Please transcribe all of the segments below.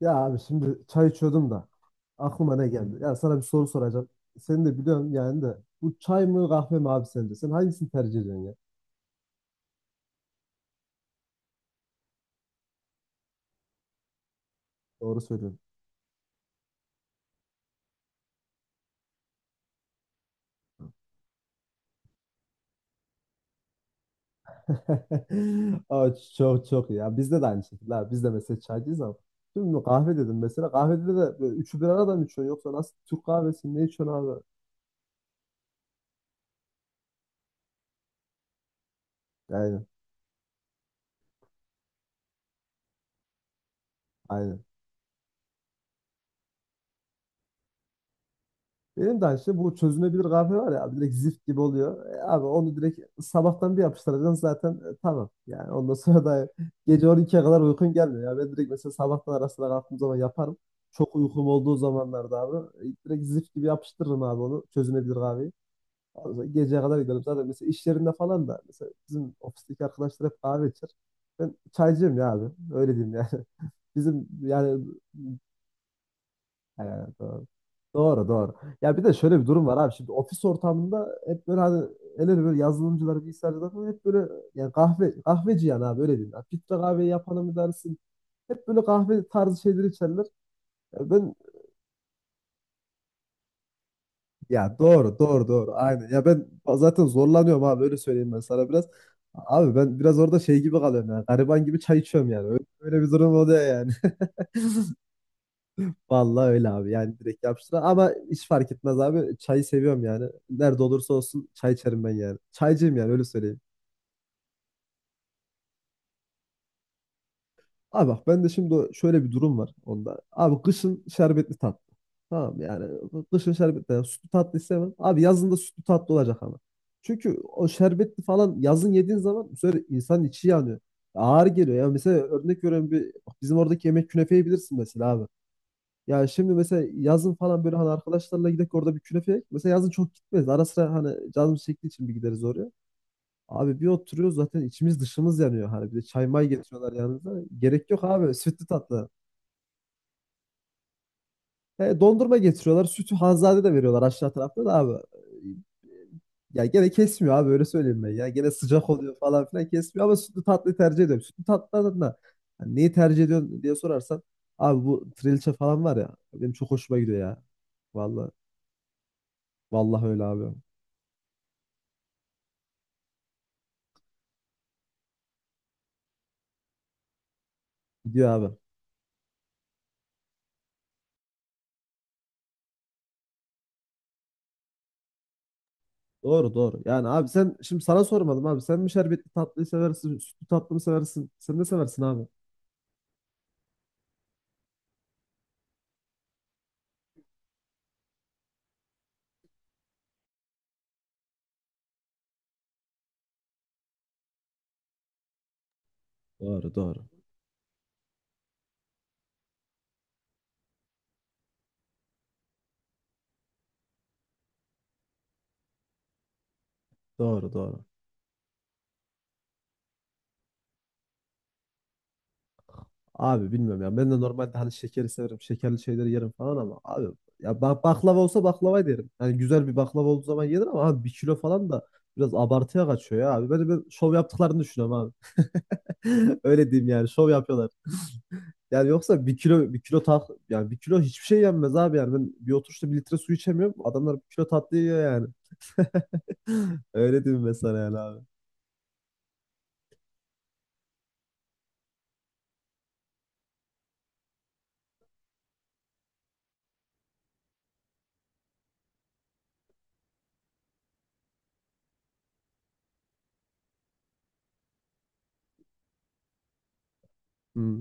Ya abi şimdi çay içiyordum da aklıma ne geldi? Ya sana bir soru soracağım. Seni de biliyorum yani de, bu çay mı kahve mi abi sence? Sen hangisini tercih ediyorsun ya? Doğru söylüyorsun. Aa, çok çok iyi. Ya bizde de aynı şekilde abi. Biz de mesela çaycıyız ama. Şimdi kahve dedim mesela. Kahvede de böyle üçü bir arada mı içiyorsun, yoksa nasıl, Türk kahvesi ne içiyorsun abi? Yani aynen. Benim de aynı şey, bu çözünebilir kahve var ya abi, direkt zift gibi oluyor. Abi onu direkt sabahtan bir yapıştıracaksın zaten, tamam. Yani ondan sonra da gece 12'ye kadar uykun gelmiyor. Ya ben direkt mesela sabahtan arasına kalktığım zaman yaparım. Çok uykum olduğu zamanlarda abi, direkt zift gibi yapıştırırım abi onu, çözünebilir kahveyi. Ondan sonra geceye kadar giderim. Zaten mesela iş yerinde falan da, mesela bizim ofisteki arkadaşlar hep kahve içer. Ben çaycıyım ya abi. Öyle diyeyim yani. Bizim yani evet, doğru. Doğru doğru. Ya bir de şöyle bir durum var abi. Şimdi ofis ortamında hep böyle hani el ele, böyle yazılımcılar, bilgisayarcılar falan hep böyle yani kahve, kahveci yani abi, öyle diyeyim. Ya filtre kahve yapanı mı dersin? Hep böyle kahve tarzı şeyleri içerler. Ya ben, ya doğru doğru doğru aynen. Ya ben zaten zorlanıyorum abi, öyle söyleyeyim ben sana biraz. Abi ben biraz orada şey gibi kalıyorum yani. Gariban gibi çay içiyorum yani. Öyle, öyle bir durum oluyor yani. Vallahi öyle abi, yani direkt yapıştır. Ama hiç fark etmez abi. Çayı seviyorum yani. Nerede olursa olsun çay içerim ben yani. Çaycıyım yani, öyle söyleyeyim. Abi bak, ben de şimdi o- şöyle bir durum var onda. Abi kışın şerbetli tatlı. Tamam mı? Yani kışın şerbetli. Yani sütlü tatlı istemem. Abi yazın da sütlü tatlı olacak ama. Çünkü o şerbetli falan yazın yediğin zaman bu sefer insanın içi yanıyor. Ağır geliyor. Ya mesela örnek veriyorum, bir bizim oradaki yemek, künefeyi bilirsin mesela abi. Ya şimdi mesela yazın falan böyle hani arkadaşlarla gidip orada bir künefe yek. Mesela yazın çok gitmeyiz. Ara sıra hani canımız çektiği için bir gideriz oraya. Abi bir oturuyoruz, zaten içimiz dışımız yanıyor. Hani bir de çay may getiriyorlar yanında. Gerek yok abi sütlü tatlı. He, dondurma getiriyorlar. Sütü Hanzade de veriyorlar, aşağı tarafta da abi. Ya gene kesmiyor abi, öyle söyleyeyim ben. Ya gene sıcak oluyor falan filan, kesmiyor ama sütlü tatlıyı tercih ediyorum. Sütlü tatlılardan da hani neyi tercih ediyorsun diye sorarsan, abi bu trilce falan var ya, benim çok hoşuma gidiyor ya. Vallahi. Vallahi öyle abi. Gidiyor abi. Doğru doğru. Yani abi sen şimdi, sana sormadım abi. Sen mi şerbetli tatlıyı seversin? Sütlü tatlı mı seversin? Sen ne seversin abi? Doğru doğru. Doğru doğru. Abi bilmiyorum ya. Ben de normalde hani şekeri severim. Şekerli şeyleri yerim falan ama abi, ya bak, baklava olsa baklava yerim. Yani güzel bir baklava olduğu zaman yenir ama abi bir kilo falan da biraz abartıya kaçıyor ya abi. Böyle bir şov yaptıklarını düşünüyorum abi. Öyle diyeyim yani, şov yapıyorlar. Yani yoksa bir kilo, bir kilo tat, yani bir kilo hiçbir şey yenmez abi. Yani ben bir oturuşta bir litre su içemiyorum. Adamlar bir kilo tatlı yiyor yani. Öyle diyeyim mesela yani abi. Hmm.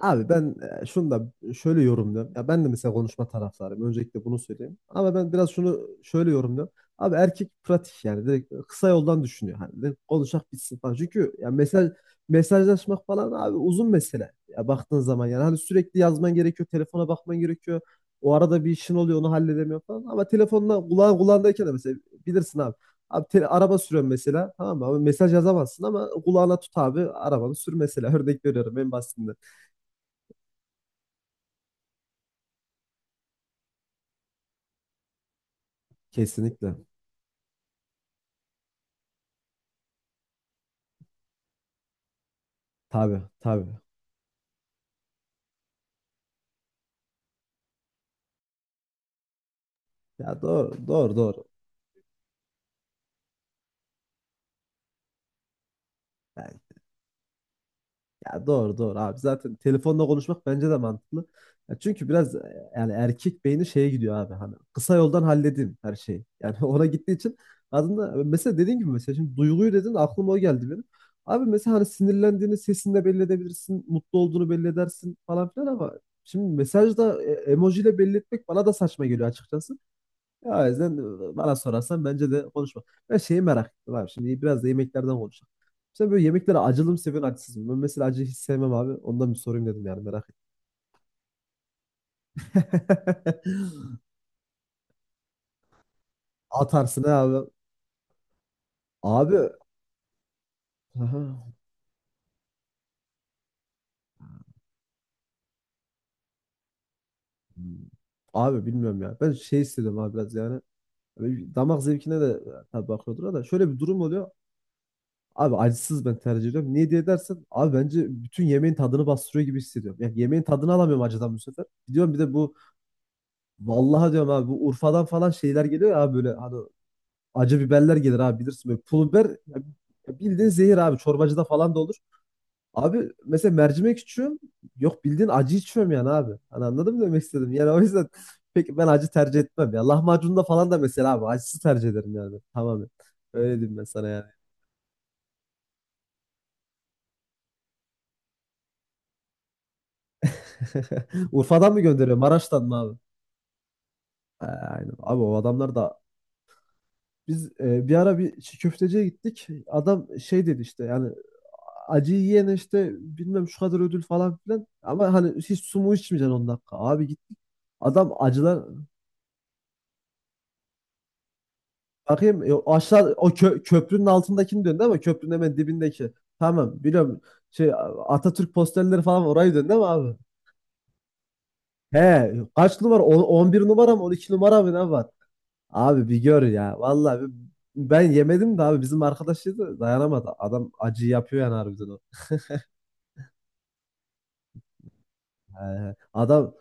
Abi ben şunu da şöyle yorumluyorum. Ya ben de mesela konuşma taraftarıyım. Öncelikle bunu söyleyeyim. Ama ben biraz şunu şöyle yorumluyorum. Abi erkek pratik, yani direkt kısa yoldan düşünüyor. Hani direkt konuşak bitsin falan. Çünkü ya mesajlaşmak falan abi uzun mesele. Ya baktığın zaman yani hani sürekli yazman gerekiyor, telefona bakman gerekiyor. O arada bir işin oluyor, onu halledemiyor falan. Ama telefonla kulağın kulağındayken de mesela bilirsin abi. Abi te- araba sürüyorum mesela, tamam mı? Abi mesaj yazamazsın ama kulağına tut abi, arabanı sür mesela. Örnek veriyorum en basitinden. Kesinlikle. Tabii tabii. Ya doğru doğru doğru. Yani, ya doğru doğru abi. Zaten telefonla konuşmak bence de mantıklı. Ya çünkü biraz yani erkek beyni şeye gidiyor abi, hani kısa yoldan halledeyim her şeyi. Yani ona gittiği için aslında, mesela dediğin gibi, mesela şimdi duyguyu dedin, aklıma o geldi benim. Abi mesela hani sinirlendiğini sesinle belli edebilirsin, mutlu olduğunu belli edersin falan filan ama şimdi mesajda emojiyle belli etmek bana da saçma geliyor açıkçası. Ya o yüzden bana sorarsan bence de konuşma. Ben şeyi merak ettim abi. Şimdi biraz da yemeklerden konuşalım. Sen böyle yemeklere acılı mı seviyorsun, acısız mı? Ben mesela acıyı hiç sevmem abi. Ondan bir sorayım dedim yani, merak ettim. Atarsın ha abi. Abi. Aha. Abi bilmiyorum ya. Ben şey istedim abi biraz yani. Böyle damak zevkine de tabii bakıyordur ama şöyle bir durum oluyor. Abi acısız ben tercih ediyorum. Niye diye dersen abi bence bütün yemeğin tadını bastırıyor gibi hissediyorum. Yani yemeğin tadını alamıyorum acıdan bu sefer. Gidiyorum bir de bu, vallahi diyorum abi, bu Urfa'dan falan şeyler geliyor ya abi, böyle hani acı biberler gelir abi, bilirsin böyle pul biber ya, ya bildiğin zehir abi, çorbacıda falan da olur. Abi mesela mercimek içiyorum, yok bildiğin acı içiyorum yani abi. Hani anladın mı demek istedim yani, o yüzden peki ben acı tercih etmem ya, lahmacunda falan da mesela abi acısı tercih ederim yani tamamen. Öyle diyeyim ben sana yani. Urfa'dan mı gönderiyor, Maraş'tan mı abi? Ha, aynen. Abi o adamlar da biz bir ara bir çiğ köfteciye gittik. Adam şey dedi işte yani acıyı yiyene işte bilmem şu kadar ödül falan filan. Ama hani hiç su mu içmeyeceksin 10 dakika. Abi gittik. Adam acılar, bakayım, o aşağı o kö- köprünün altındakini döndü ama köprünün hemen dibindeki. Tamam biliyorum, şey Atatürk posterleri falan, orayı döndü ama abi. He, kaç numara? On- 11 numara mı, 12 numara mı, ne var? Abi bir gör ya. Vallahi bir- ben yemedim de abi, bizim arkadaş yedi, dayanamadı. Adam acı yapıyor yani harbiden o. Adam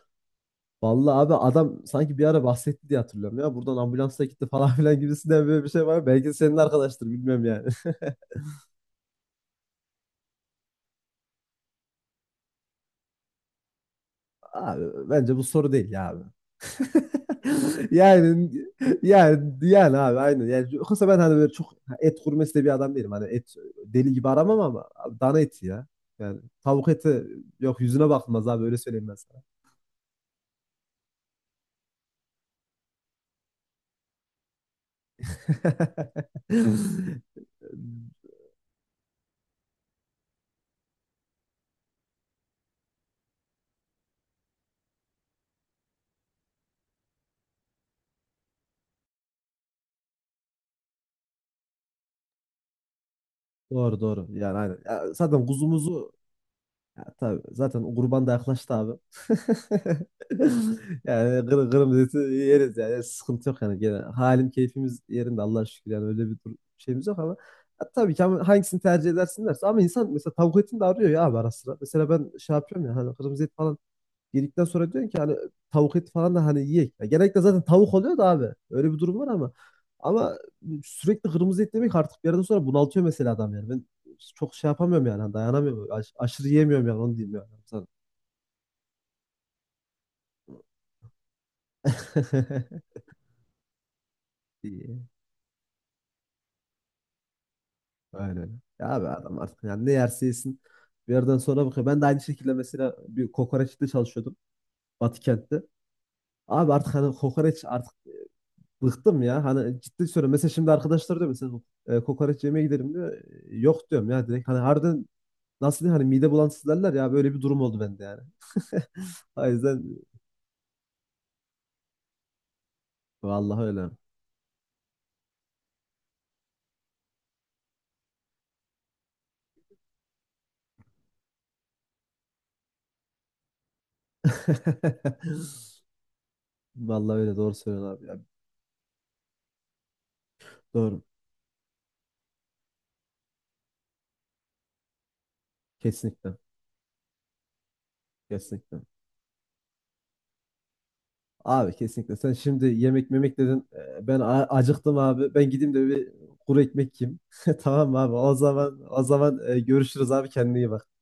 vallahi abi, adam sanki bir ara bahsetti diye hatırlıyorum ya. Buradan ambulansla gitti falan filan gibisinden, böyle bir şey var. Belki de senin arkadaştır, bilmiyorum yani. Abi bence bu soru değil ya abi. Yani yani abi aynen. Yani yoksa ben hani böyle çok et gurmesi de bir adam değilim. Hani et deli gibi aramam ama abi, dana eti ya. Yani tavuk eti, yok, yüzüne bakılmaz abi, öyle söyleyeyim ben sana. Doğru doğru. Yani aynen. Ya zaten kuzumuzu, ya tabii zaten kurban da yaklaştı abi. Yani kırmızı eti yeriz, yani sıkıntı yok yani, gene halim keyfimiz yerinde Allah'a şükür yani, öyle bir dur- şeyimiz yok ama, ya tabii ki, ama hangisini tercih edersin derse, ama insan mesela tavuk etini de arıyor ya abi, ara sıra. Mesela ben şey yapıyorum ya hani, kırmızı et falan yedikten sonra diyorsun ki hani tavuk eti falan da hani yiyek. Ya genellikle zaten tavuk oluyor da abi. Öyle bir durum var ama. Ama sürekli kırmızı et yemek artık bir yerden sonra bunaltıyor mesela adam yani. Ben çok şey yapamıyorum yani hani, dayanamıyorum. Aşırı yiyemiyorum yani, onu diyeyim yani sana. İyi. Aynen. Ya abi adam artık yani ne yerse yesin. Bir yerden sonra bakıyor. Ben de aynı şekilde mesela bir kokoreçte çalışıyordum. Batı kentte. Abi artık hani kokoreç, artık bıktım ya. Hani ciddi söylüyorum. Mesela şimdi arkadaşlar diyor mesela, kokoreç yemeye gidelim diyor. E, yok diyorum ya direkt. Hani harbiden nasıl diyeyim, hani mide bulantısı derler ya, böyle bir durum oldu bende yani. O yüzden vallahi öyle. Vallahi öyle, doğru söylüyorsun abi ya. Doğru. Kesinlikle. Kesinlikle. Abi kesinlikle. Sen şimdi yemek memek dedin. Ben acıktım abi. Ben gideyim de bir kuru ekmek yiyeyim. Tamam mı abi? O zaman, o zaman görüşürüz abi. Kendine iyi bak.